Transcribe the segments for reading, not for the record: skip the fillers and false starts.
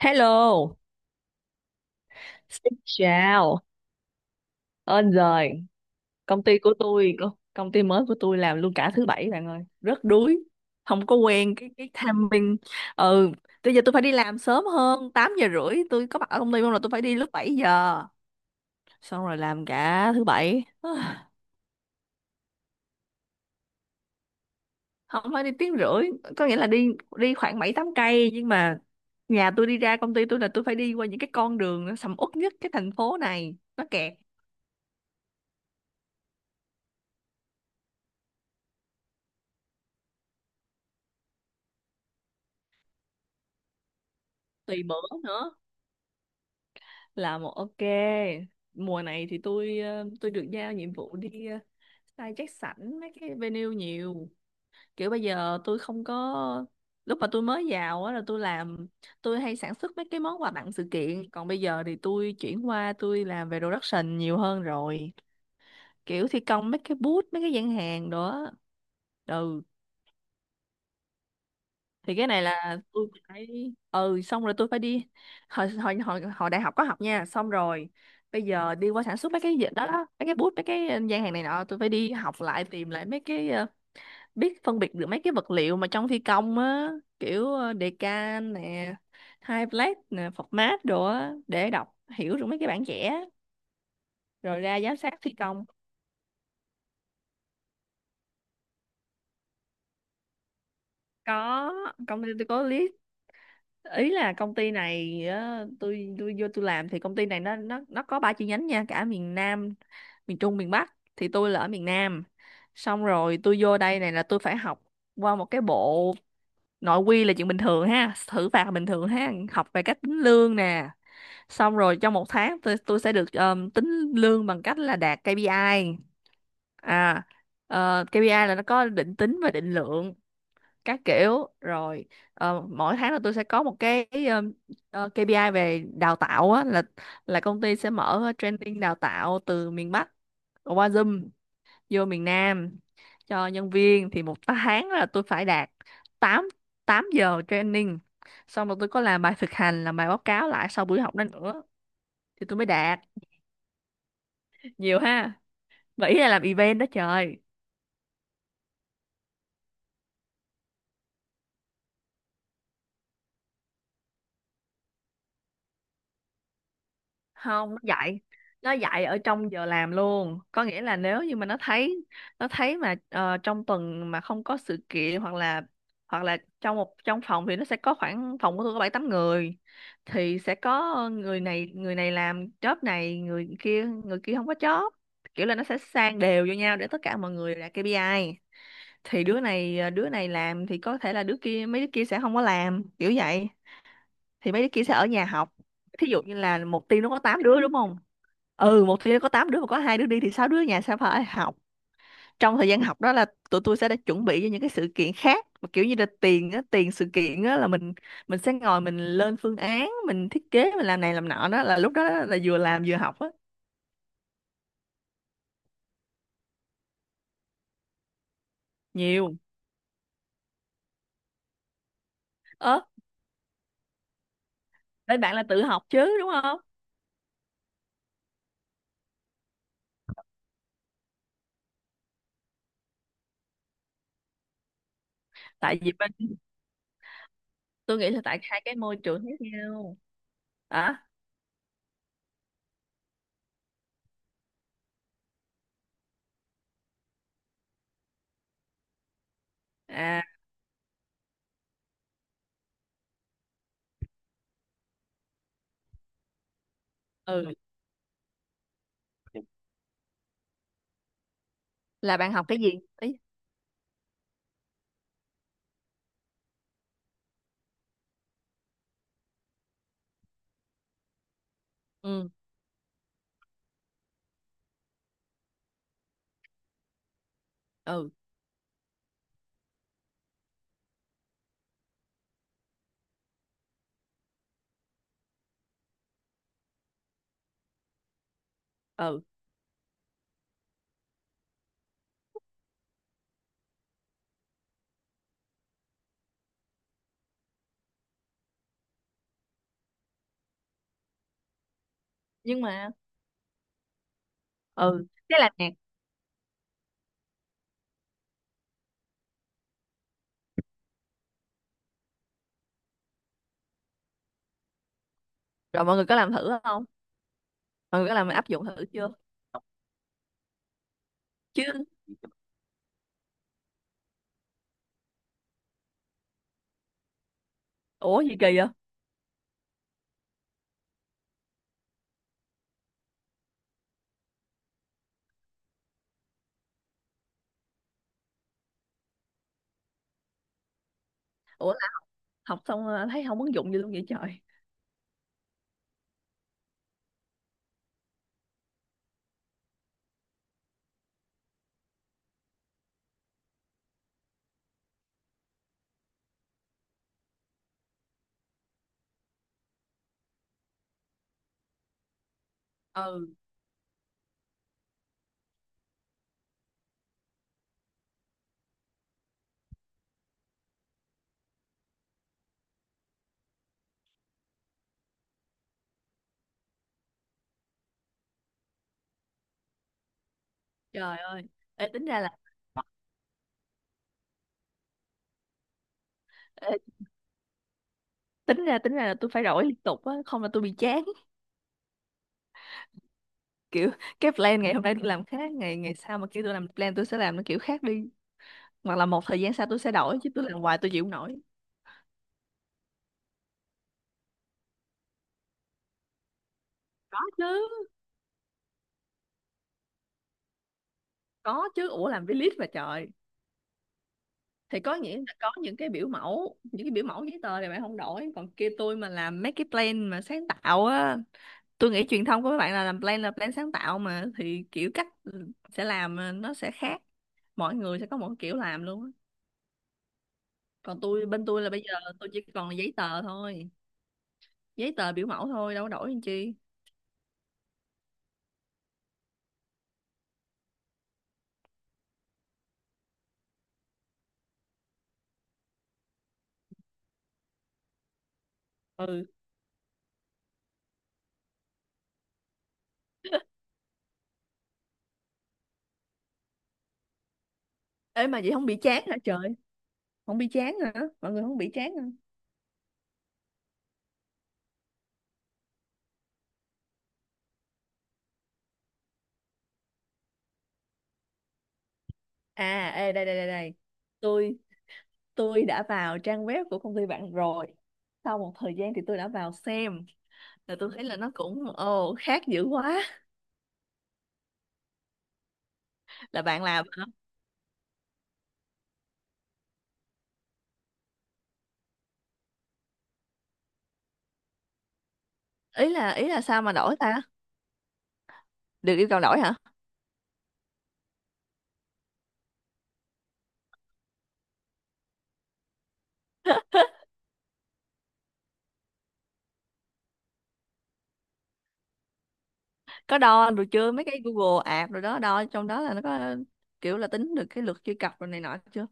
Hello, xin chào. Ơn rồi, công ty của tôi, công ty mới của tôi làm luôn cả thứ bảy bạn ơi, rất đuối, không có quen cái timing. Ừ, bây giờ tôi phải đi làm sớm hơn, 8 giờ rưỡi tôi có mặt ở công ty không là tôi phải đi lúc 7 giờ. Xong rồi làm cả thứ bảy. Không phải đi tiếng rưỡi, có nghĩa là đi đi khoảng 7 8 cây, nhưng mà nhà tôi đi ra công ty tôi là tôi phải đi qua những cái con đường nó sầm uất nhất cái thành phố này, nó kẹt tùy bữa, nữa là một ok. Mùa này thì tôi tôi được giao nhiệm vụ đi, sai check sảnh mấy cái venue nhiều, kiểu bây giờ tôi không có. Lúc mà tôi mới vào á là tôi làm, tôi hay sản xuất mấy cái món quà tặng sự kiện, còn bây giờ thì tôi chuyển qua tôi làm về production nhiều hơn rồi, kiểu thi công mấy cái booth mấy cái gian hàng đó. Ừ, thì cái này là tôi phải, ừ xong rồi tôi phải đi. Hồi đại học có học nha, xong rồi bây giờ đi qua sản xuất mấy cái gì đó, đó mấy cái bút mấy cái gian hàng này nọ, tôi phải đi học lại, tìm lại mấy cái, biết phân biệt được mấy cái vật liệu mà trong thi công á, kiểu đề can nè, hai plate nè, format đồ á, để đọc hiểu được mấy cái bản vẽ, rồi ra giám sát thi công. Có, công ty tôi có list. Ý là công ty này á, tôi vô tôi làm, thì công ty này nó có ba chi nhánh nha, cả miền Nam, miền Trung, miền Bắc, thì tôi là ở miền Nam. Xong rồi tôi vô đây này là tôi phải học qua một cái bộ nội quy, là chuyện bình thường ha, thử phạt là bình thường ha, học về cách tính lương nè. Xong rồi trong một tháng tôi sẽ được, tính lương bằng cách là đạt KPI. À, KPI là nó có định tính và định lượng các kiểu rồi. Mỗi tháng là tôi sẽ có một cái, KPI về đào tạo á, là công ty sẽ mở training đào tạo từ miền Bắc, qua Zoom vô miền Nam cho nhân viên. Thì một tháng là tôi phải đạt 8 8 giờ training, xong rồi tôi có làm bài thực hành, làm bài báo cáo lại sau buổi học đó nữa, thì tôi mới đạt. Nhiều ha, vậy là làm event đó trời. Không, nó dạy, nó dạy ở trong giờ làm luôn, có nghĩa là nếu như mà nó thấy mà trong tuần mà không có sự kiện, hoặc là trong một, trong phòng thì nó sẽ có khoảng, phòng của tôi có bảy tám người, thì sẽ có người này làm job này, người kia không có job, kiểu là nó sẽ sang đều vô nhau để tất cả mọi người đạt KPI. Thì đứa này làm thì có thể là đứa kia, mấy đứa kia sẽ không có làm, kiểu vậy, thì mấy đứa kia sẽ ở nhà học. Thí dụ như là một team nó có 8 đứa đúng không, ừ, một team nó có 8 đứa mà có hai đứa đi thì sáu đứa ở nhà sẽ phải học. Trong thời gian học đó là tụi tôi sẽ đã chuẩn bị cho những cái sự kiện khác, mà kiểu như là tiền á, tiền sự kiện á, là mình sẽ ngồi mình lên phương án, mình thiết kế, mình làm này làm nọ, đó là lúc đó là vừa làm vừa học á. Nhiều. Ớ, bên bạn là tự học chứ đúng không, tại vì bên, tôi nghĩ là tại hai cái môi trường khác nhau. Hả? À, ừ, là bạn học cái gì? Ý, ừ ừ ừ, nhưng mà ừ thế là nè, rồi mọi người có làm thử không, mọi người có làm áp dụng thử chưa? Chứ ủa gì kỳ vậy, ủa là học xong thấy không ứng dụng gì luôn vậy trời? Ừ, trời ơi. Ê, tính ra là, ê, tính ra là tôi phải đổi liên tục á, không là tôi bị chán kiểu, cái plan ngày hôm nay tôi làm khác ngày ngày sau, mà kêu tôi làm plan tôi sẽ làm nó kiểu khác đi, hoặc là một thời gian sau tôi sẽ đổi, chứ tôi làm hoài tôi chịu không nổi. Có chứ, có chứ, ủa làm với list mà trời. Thì có nghĩa là có những cái biểu mẫu, giấy tờ thì bạn không đổi, còn kia tôi mà làm mấy cái plan mà sáng tạo á, tôi nghĩ truyền thông của các bạn là làm plan, là plan sáng tạo mà, thì kiểu cách sẽ làm, nó sẽ khác, mỗi người sẽ có một kiểu làm luôn á. Còn tôi, bên tôi là bây giờ tôi chỉ còn là giấy tờ thôi, giấy tờ biểu mẫu thôi, đâu có đổi làm chi. Ừ, ê mà vậy không bị chán hả trời, không bị chán hả, mọi người không bị chán hả? À, ê đây đây đây đây, tôi tôi đã vào trang web của công ty bạn rồi, sau một thời gian thì tôi đã vào xem, là tôi thấy là nó cũng ồ khác dữ quá. Là bạn làm hả? Ý là sao mà đổi ta, được yêu cầu đổi hả? Có đo được chưa mấy cái Google Ads rồi đó, đo trong đó là nó có kiểu là tính được cái lượt truy cập rồi này nọ chưa?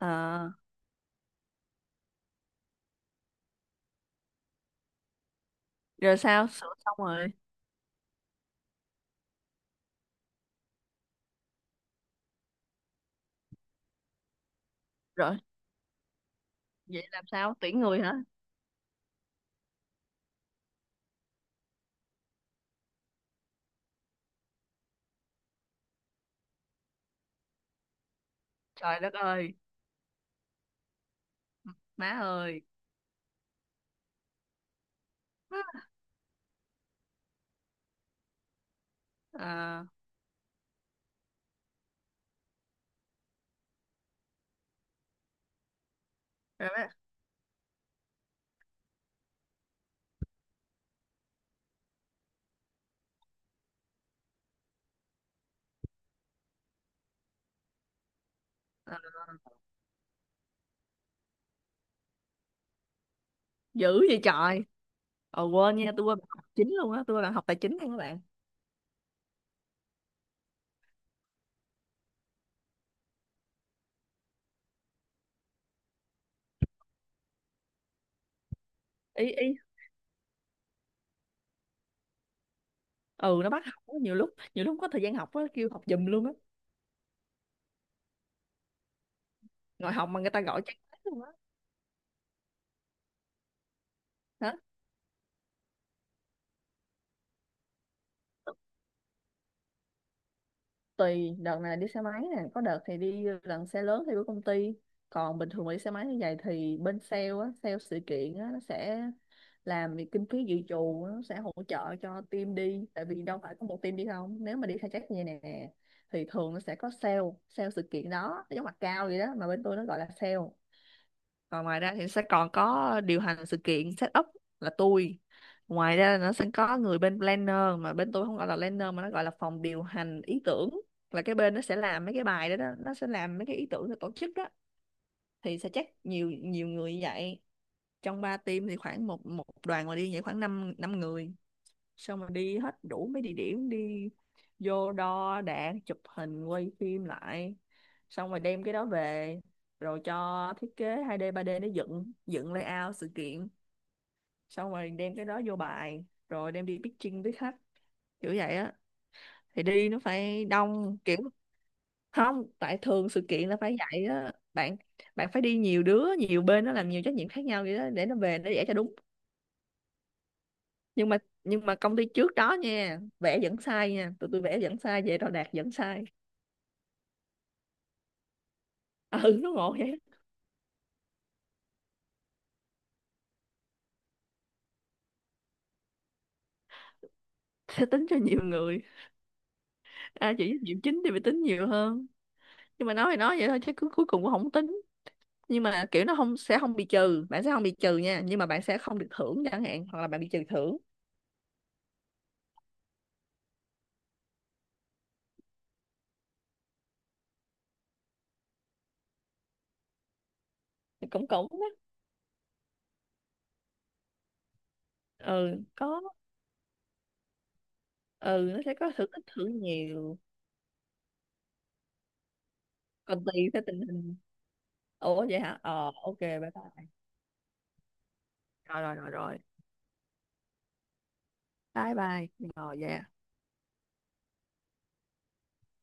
À, rồi sao sửa xong rồi, rồi vậy làm sao tuyển người hả? Trời đất ơi, má ơi. À, rồi à, dữ vậy trời. Quên nha, tôi quên bạn học chính luôn á, tôi là học tài chính luôn các bạn. Ý ý. Ừ nó bắt học á, nhiều lúc, nhiều lúc không có thời gian học á, kêu học giùm luôn á, ngồi học mà người ta gọi chán lắm luôn á. Hả? Tùy, đợt này đi xe máy nè, có đợt thì đi lần xe lớn theo của công ty. Còn bình thường mà đi xe máy như vậy thì bên sale á, sale sự kiện á nó sẽ làm việc kinh phí dự trù, nó sẽ hỗ trợ cho team đi, tại vì đâu phải có một team đi không, nếu mà đi khai thác như này nè, thì thường nó sẽ có sale, sale sự kiện đó, nó giống mặt cao vậy đó, mà bên tôi nó gọi là sale. Còn ngoài ra thì sẽ còn có điều hành sự kiện, set up, là tôi. Ngoài ra nó sẽ có người bên planner, mà bên tôi không gọi là planner, mà nó gọi là phòng điều hành ý tưởng, là cái bên nó sẽ làm mấy cái bài đó. Nó sẽ làm mấy cái ý tưởng để tổ chức đó, thì sẽ chắc nhiều nhiều người như vậy. Trong ba team thì khoảng một một đoàn mà đi vậy khoảng 5 năm năm người, xong rồi đi hết đủ mấy địa điểm, đi vô đo đạc, chụp hình, quay phim lại, xong rồi đem cái đó về, rồi cho thiết kế 2D 3D để dựng dựng layout sự kiện, xong rồi đem cái đó vô bài rồi đem đi pitching với khách, kiểu vậy á, thì đi nó phải đông kiểu. Không, tại thường sự kiện là phải vậy á bạn, bạn phải đi nhiều đứa, nhiều bên nó làm nhiều trách nhiệm khác nhau vậy đó, để nó về nó vẽ cho đúng. Nhưng mà, công ty trước đó nha vẽ vẫn sai nha, tụi tôi vẽ vẫn sai, về đo đạc vẫn sai. Ừ nó ngộ vậy. Sẽ tính cho nhiều người, à chỉ nhiệm chính thì phải tính nhiều hơn, nhưng mà nói thì nói vậy thôi, chứ cuối cuối cùng cũng không tính, nhưng mà kiểu nó không, sẽ không bị trừ, bạn sẽ không bị trừ nha, nhưng mà bạn sẽ không được thưởng chẳng hạn, hoặc là bạn bị trừ thưởng. Thì cũng cũng đó. Ừ có, ừ nó sẽ có thưởng ít thưởng nhiều, còn tùy theo tình hình. Ủa vậy hả, ok, bye bye. Rồi rồi rồi rồi, bye bye, rồi vậy.